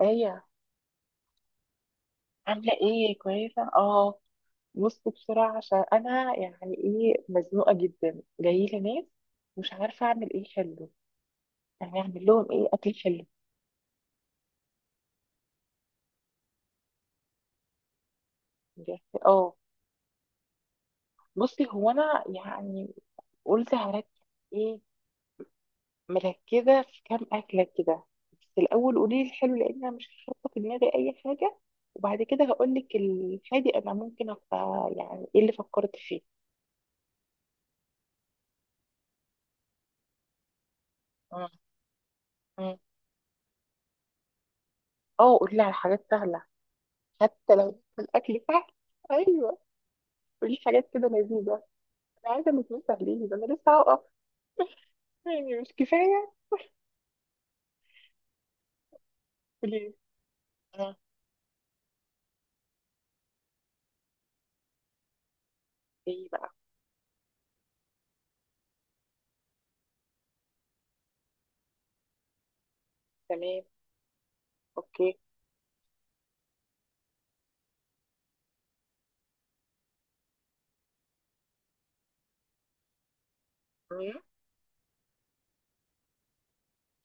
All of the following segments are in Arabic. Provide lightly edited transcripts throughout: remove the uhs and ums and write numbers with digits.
ايه. عاملة ايه؟ كويسة اه. بص بسرعة عشان انا يعني ايه مزنوقة جدا، جايلي ناس. مش عارفة اعمل ايه حلو، يعني اعمل لهم ايه اكل حلو بجد. اه، بصي هو انا يعني قلت هركز، ايه، مركزة في كام اكلة كده. بس الاول قولي لي الحلو لان انا مش حاطة في دماغي اي حاجة، وبعد كده هقول لك الحادي. انا ممكن ابقى يعني ايه اللي فكرت فيه. مم. مم. اه، قولي لي على حاجات سهلة. حتى لو الأكل سهل. أيوه، قولي حاجات كده لذيذة. أنا عايزة مكرونة سهلين، ده أنا لسه هقف، يعني مش كفاية. قولي. آه. إيه بقى؟ تمام. أوكي. مم.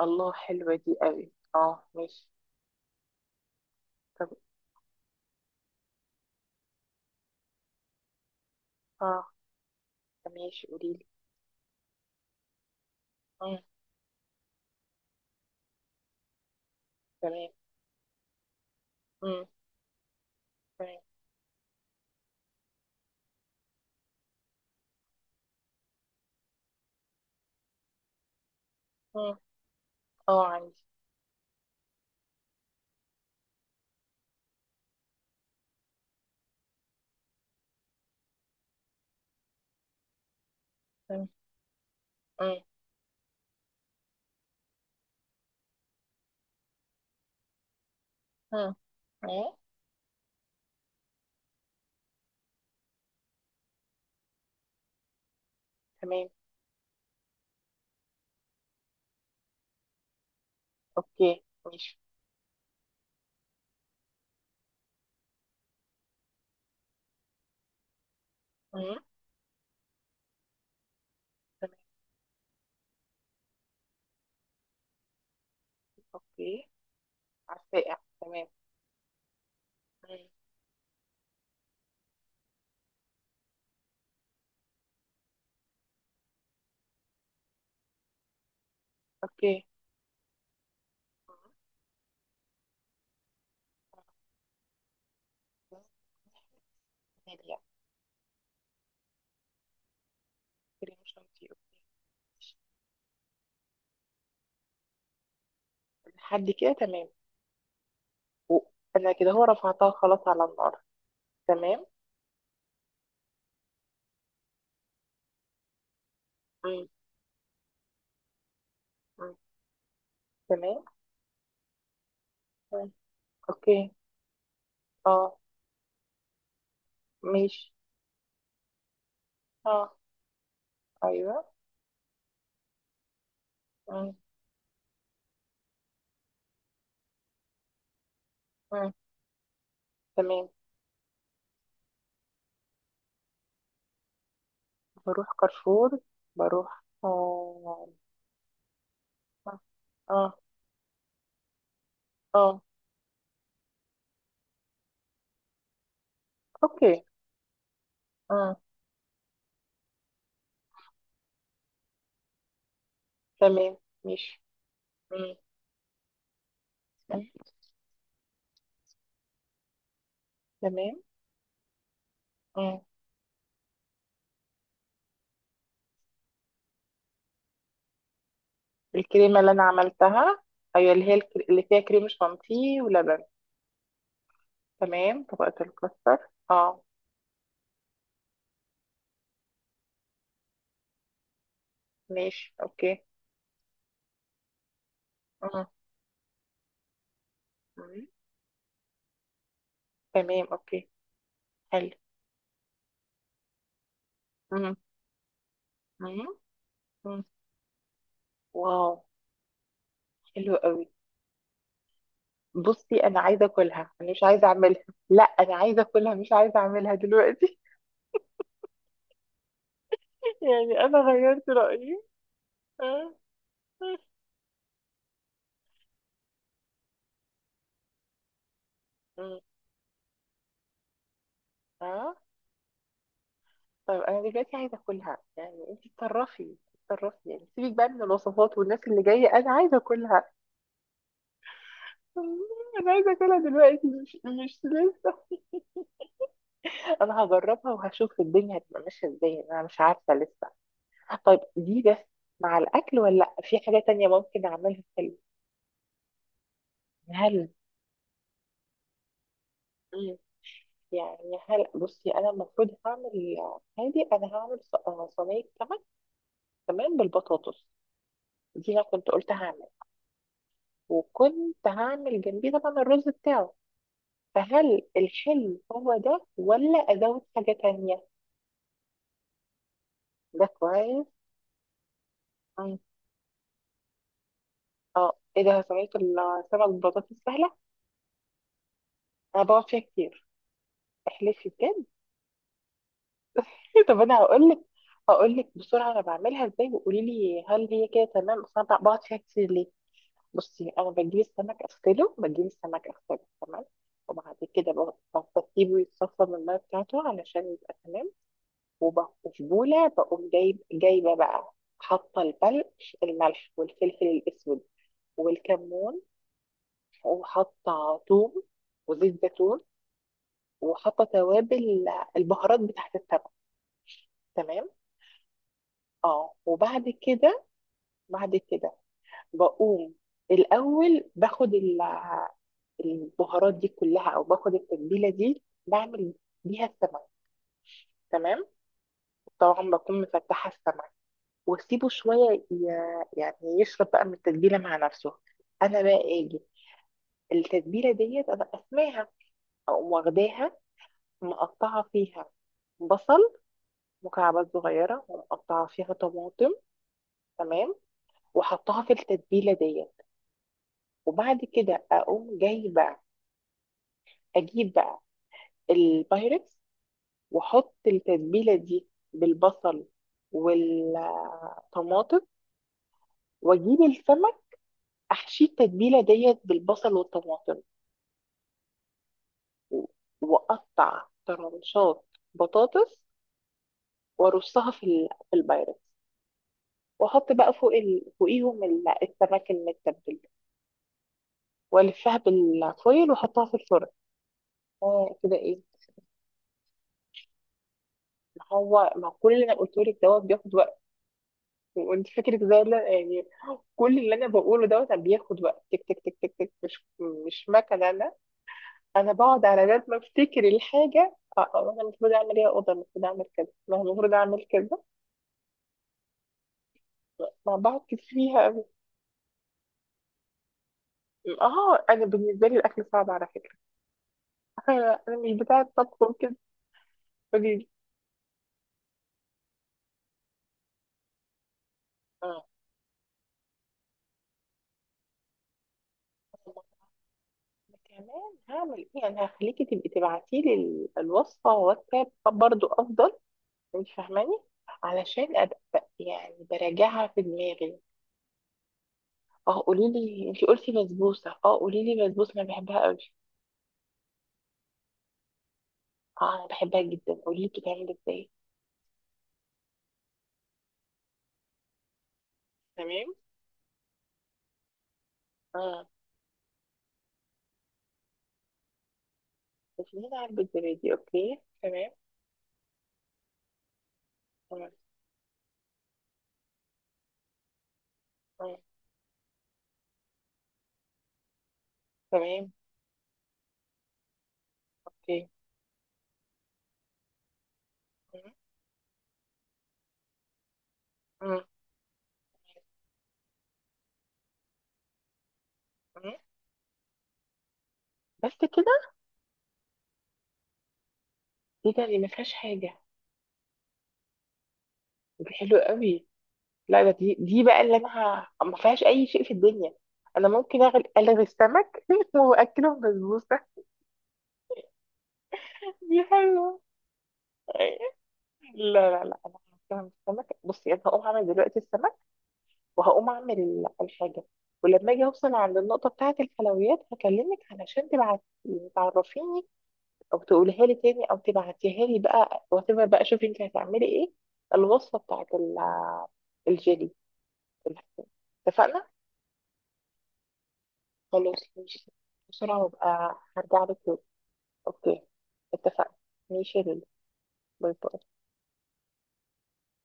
الله حلوة دي قوي، أه ماشي. طب أه، ماشي قوليلي. مم. تمام. مم. تمام. مم. أه عندي. مم. مم. مم. مم. تمام. أوكي ماشي. مم. تمام. أوكي. عالساقع، تمام. مم. أوكي. مم. كريم شانتيه أوكي. لحد كده تمام. و- انا كده هو رفعتها خلاص على النار. تمام. مم. مم. تمام. مم. اوكي. اه ماشي. اه. ايوه. مم. مم. تمام. بروح كارفور. بروح اه. اه. اه. اوكي. مم. تمام. ماشي. مم. مم. تمام. مم. الكريمة اللي انا عملتها، ايوه، اللي هي اللي فيها كريم شانتيه ولبن. تمام، طبقة الكاستر. اه. ماشي اوكي. مم. تمام اوكي. حلو. مم. مم. مم. واو. حلو قوي. بصي انا عايزه اكلها، انا مش عايزه اعملها. لا انا عايزه اكلها، مش عايزه اعملها دلوقتي. يعني انا غيرت رايي. اه. مم. آه. طيب انا دلوقتي عايزه اكلها، يعني انت اتصرفي اتصرفي يعني، سيبك بقى من الوصفات والناس اللي جايه، انا عايزه اكلها. مم. انا عايزه اكلها دلوقتي، مش لسه. انا هجربها وهشوف الدنيا هتبقى ماشيه ازاي، انا مش عارفه لسه. طيب دي بس مع الأكل ولا لأ؟ في حاجة تانية ممكن أعملها هل، مم، يعني هل بصي أنا المفروض هعمل هادي، أنا هعمل صينية سمك، تمام، بالبطاطس. دي أنا كنت قلت هعمل، وكنت هعمل جنبيه طبعا الرز بتاعه. فهل الحلو هو ده ولا أزود حاجة تانية؟ ده كويس. مم. اه، ايه ده، صينية السمك بالبطاطس سهلة. أنا بقعد فيها كتير. احلفي بجد. طب انا هقول لك، هقول لك بسرعه انا بعملها ازاي وقولي لي هل هي كده تمام، اصل انا بقعد فيها كتير ليه. بصي انا بجيب السمك اغسله، تمام. وبعد كده بسيبه يتصفى من الميه بتاعته علشان يبقى تمام. وفي بوله بقوم جايبه بقى، حاطه البلق، الملح والفلفل الاسود والكمون، وحاطه ثوم وزيت زيتون، وحاطه توابل، البهارات بتاعت السمك. تمام. اه. وبعد كده، بعد كده بقوم الأول باخد البهارات دي كلها، أو باخد التتبيلة دي بعمل بيها السمك. تمام. طبعا بكون مفتحة السمك. واسيبه شوية يعني يشرب بقى من التتبيلة مع نفسه. أنا بقى أجي التتبيلة ديت أنا أسماها، أقوم واخداها، مقطعة فيها بصل مكعبات صغيرة ومقطعة فيها طماطم. تمام. وحطها في التتبيلة ديت. وبعد كده أقوم أجيب بقى البايركس واحط التتبيله دي بالبصل والطماطم، واجيب السمك احشيه التتبيله ديت بالبصل والطماطم. و- واقطع طرنشات بطاطس، وارصها في في البايركس، واحط بقى فوق ال... فوقيهم السمك المتبل، والفها بالفويل واحطها في الفرن. اه كده ايه. ما هو ما كل اللي انا قلته لك دوت بياخد وقت، وانت فاكرك زي يعني كل اللي انا بقوله دوت أنا بياخد وقت، تك تك تك تك تك، مش مكنه انا. انا بقعد على بال ما افتكر الحاجه اه، آه، انا المفروض اعمل ايه، اوضه المفروض اعمل كذا، أنا المفروض اعمل كذا. ما بقعد كتير فيها أوي. اه انا بالنسبه لي الاكل صعب على فكره. انا أنا مش بتاعه طبخ وكده. قولي لي. اه. كمان هعمل ايه؟ انا هخليكي تبقي تبعتي لي الوصفه واتساب برضو افضل، انت فاهماني، علشان ابقى يعني براجعها في دماغي. اه قولي لي، انت قلتي بسبوسه، اه قولي لي بسبوسه انا بحبها قوي. اه انا بحبها جدا، قولي لي بتتعمل ازاي. تمام. اه. بتعمل علبه زبادي، اوكي تمام. تمام. آه. تمام. اوكي. مم. مم. مم. بس كده؟ ايه ده، دي ما فيهاش حاجه، دي حلوه قوي. لا ده دي بقى اللي انا ما فيهاش اي شيء في الدنيا. انا ممكن الغي السمك واكله بسبوسه. دي حلوه. لا لا انا هعمل السمك. بصي انا هقوم اعمل دلوقتي السمك، وهقوم اعمل الحاجه. ولما اجي اوصل عند النقطه بتاعه الحلويات هكلمك علشان تبعت تعرفيني، او تقولها لي تاني او تبعتيها لي بقى، وتبقى بقى شوفي انت هتعملي ايه الوصفه بتاعه الجيلي. اتفقنا. خلاص ماشي، بسرعه وابقى هرجع لك تاني. اوكي اتفقنا. ماشي يا لولو. باي باي.